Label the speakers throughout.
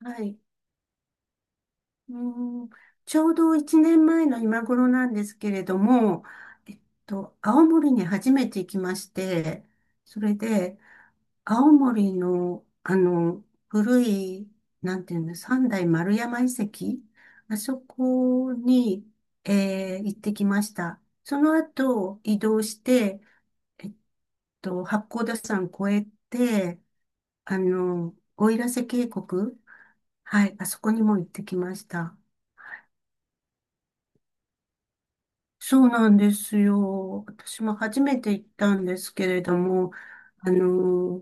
Speaker 1: はい。うーん、ちょうど1年前の今頃なんですけれども、えっ青森に初めて行きまして、それで、青森の、古い、なんていうの、三代丸山遺跡、あそこに、行ってきました。その後、移動して、えっ八甲田山越えて、奥入瀬渓谷、はい、あそこにも行ってきました。そうなんですよ。私も初めて行ったんですけれども、あの、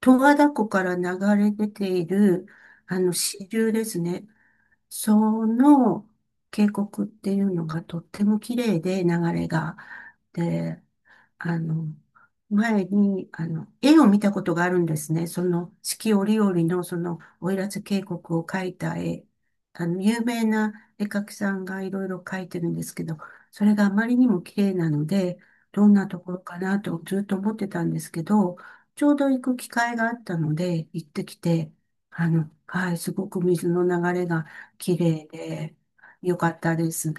Speaker 1: 十和田湖から流れ出ている、支流ですね。その渓谷っていうのがとっても綺麗で流れが。で、あの、前に、絵を見たことがあるんですね。その四季折々のその奥入瀬渓谷を描いた絵。有名な絵描きさんがいろいろ描いてるんですけど、それがあまりにも綺麗なので、どんなところかなとずっと思ってたんですけど、ちょうど行く機会があったので、行ってきて、はい、すごく水の流れが綺麗で、よかったです。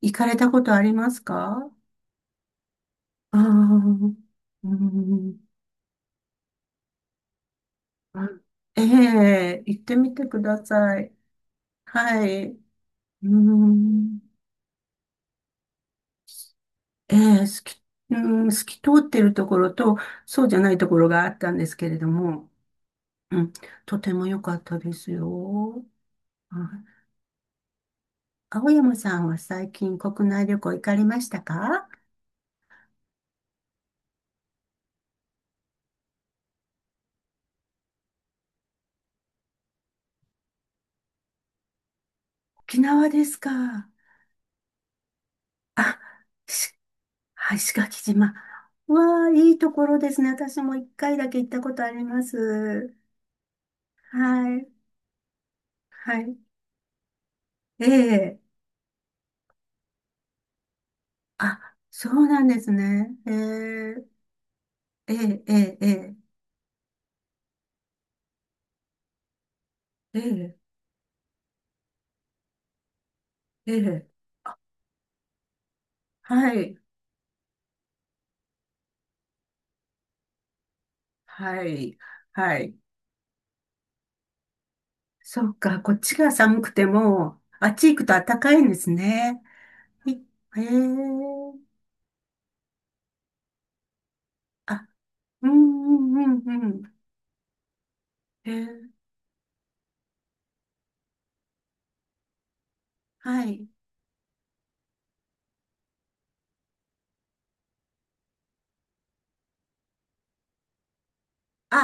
Speaker 1: 行かれたことありますか？ああー、うん。うん。ええ、行ってみてください。はい。うん。ええ、うん、透き通ってるところと、そうじゃないところがあったんですけれども、うん、とても良かったですよ。はい。青山さんは最近国内旅行行かれましたか？沖縄ですか。あ、しはい、石垣島。うわあ、いいところですね。私も一回だけ行ったことあります。はい。はい。ええ。あ、そうなんですね。ええ、ええ、ええ、ええ、ええ。ええ、あ、はい。はい。はい。そうか、こっちが寒くても、あっち行くと暖かいんですね。いええ。あ、うん、うん、うん、うん。ええ、はい。あ、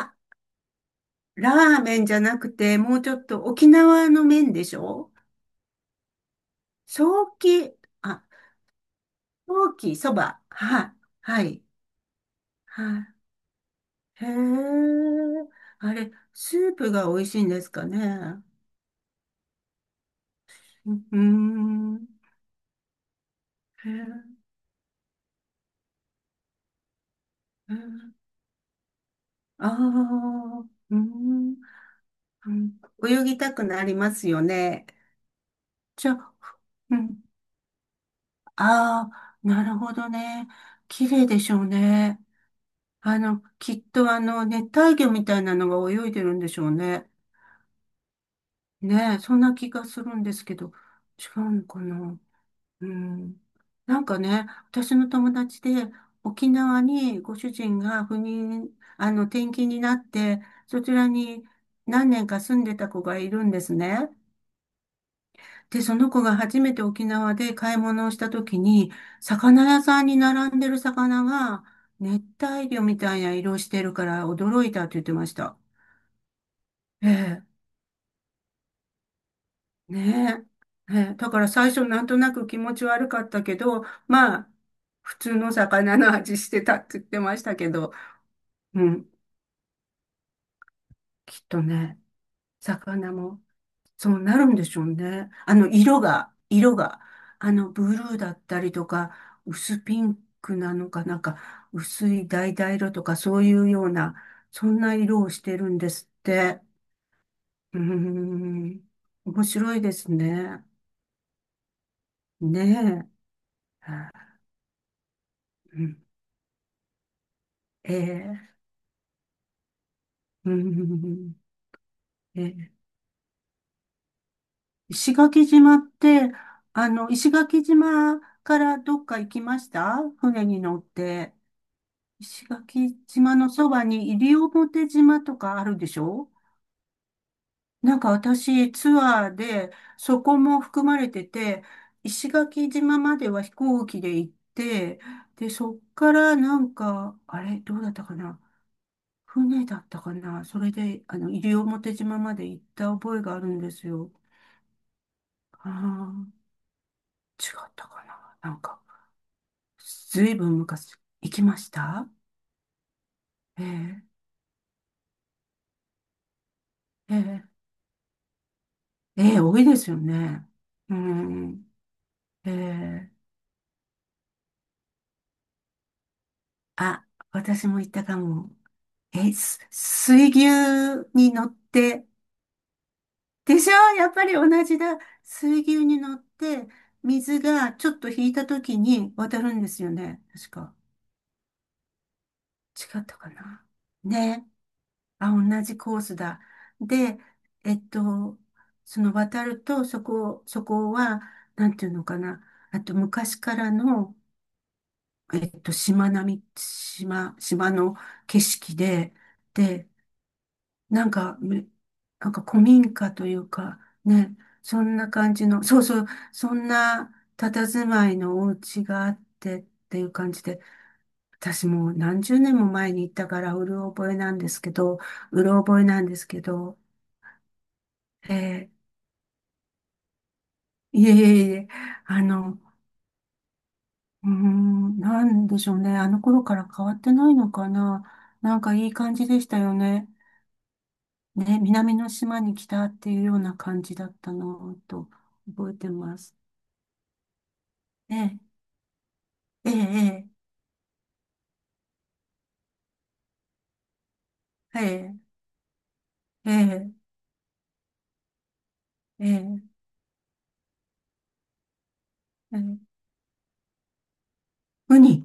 Speaker 1: ラーメンじゃなくて、もうちょっと沖縄の麺でしょ？ソーキ、あ、ソーキ、そば。はい。はい。はい。へえ。あれ、スープが美味しいんですかね。うーん。へえ。ああー、うん。うん。泳ぎたくなりますよね。じゃ、うん。ああ、なるほどね。綺麗でしょうね。きっと熱帯魚みたいなのが泳いでるんでしょうね。ねえ、そんな気がするんですけど、違うのかな。うん。なんかね、私の友達で沖縄にご主人が赴任、あの、転勤になって、そちらに何年か住んでた子がいるんですね。で、その子が初めて沖縄で買い物をした時に、魚屋さんに並んでる魚が熱帯魚みたいな色してるから驚いたって言ってました。ええ、ねえ。ええ、だから最初なんとなく気持ち悪かったけど、まあ、普通の魚の味してたって言ってましたけど、うん、きっとね、魚もそうなるんでしょうね。あの、色が、ブルーだったりとか、薄ピンクなのかなんか、薄い橙色とかそういうような、そんな色をしてるんですって。うーん、面白いですね。ねえ。うん。ええ。うん、ええ。石垣島って、石垣島からどっか行きました？船に乗って。石垣島のそばに西表島とかあるでしょ？なんか私、ツアーで、そこも含まれてて、石垣島までは飛行機で行って、で、そっからなんか、あれ、どうだったかな、船だったかな、それで、西表島まで行った覚えがあるんですよ。ああ、違ったかな。なんか、ずいぶん昔行きました。ええ、ええ、ええ、多いですよね。うん、ええ、あ、私も行ったかも。水牛に乗って、でしょ、やっぱり同じだ。水牛に乗って、水がちょっと引いた時に渡るんですよね。確か。違ったかな。ね。あ、同じコースだ。で、えっと、その渡ると、そこは、なんていうのかな。あと、昔からの、島並み、島、島の景色で、で、なんか、めなんか古民家というか、ね、そんな感じの、そうそう、そんな佇まいのお家があってっていう感じで、私もう何十年も前に行ったから、うろ覚えなんですけど、ええ、いえいえいえ、あの、なんでしょうね。あの頃から変わってないのかな。なんかいい感じでしたよね。ね、南の島に来たっていうような感じだったのと覚えてます。ええ、ええ、ええ、ええ、ええ、ええ。ウニ、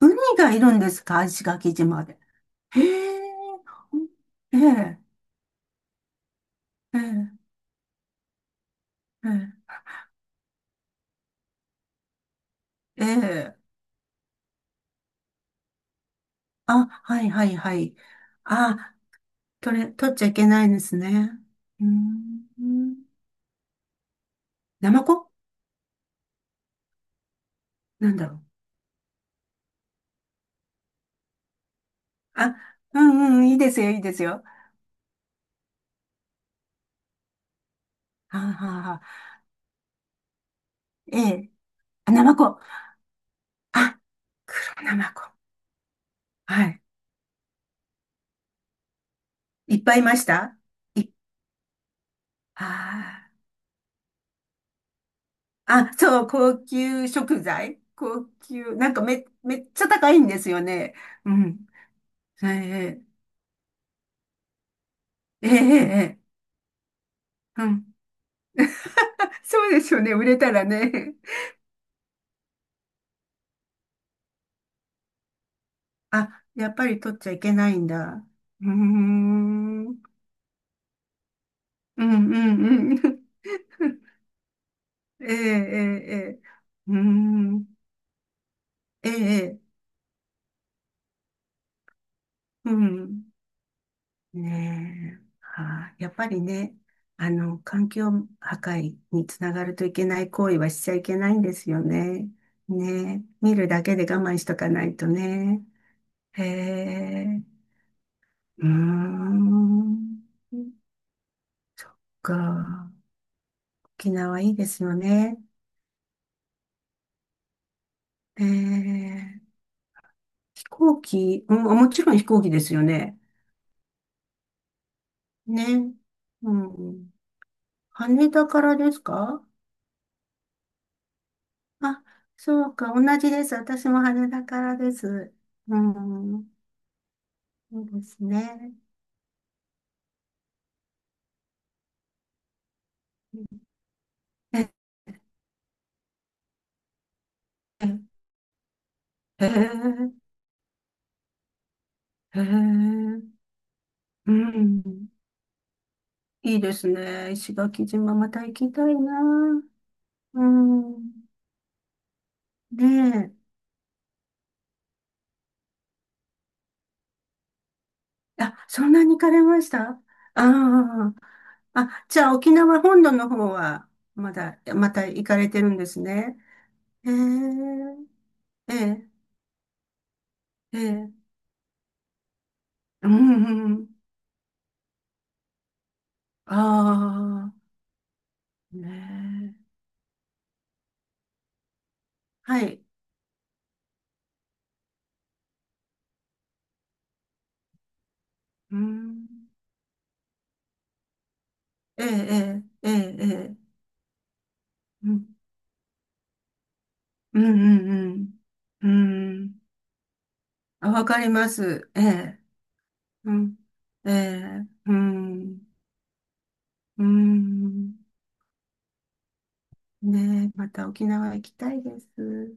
Speaker 1: ウニがいるんですか、石垣島で？へえ、ええ、ええ、ええ、ええ、あ、はいはいはい。あ、取っちゃいけないんですね。うーん。ナマコ、なんだろう。あ、うんうん、いいですよ、いいですよ。はあ、はあはあ、ええ。あ、ナマコ。あ、黒ナマコ。はい。いっぱいいました？い、あー、あ、そう、高級食材。高級、なんかめ、めっちゃ高いんですよね。うん。ええ、ええ、ええ、うん。そうですよね、売れたらね。あ、やっぱり取っちゃいけないんだ。うーん。うんうんうん。ええええええ。うーん。ええ。うん。ねえ。はあ、やっぱりね、環境破壊につながるといけない行為はしちゃいけないんですよね。ねえ。見るだけで我慢しとかないとね。へえ。うーん。そっか。沖縄いいですよね。ええ。飛行機、うん、もちろん飛行機ですよね。ね。うん。羽田からですか？あ、そうか。同じです。私も羽田からです。うん。そうですね。え、へえ、へえ、うん。いいですね。石垣島また行きたいな。うん。ねえ。あ、そんなに行かれました？ああー。あ、じゃあ沖縄本土の方はまた行かれてるんですね。へえ、ええ。ええ、うん、うん。ああ、ねえ。はい。うん。ええ、ええ、ええ、ええ。うん、うん、うん。うん。うん、あ、わかります。ええ、うん。ええ、うん。うん。ねえ、また沖縄行きたいです。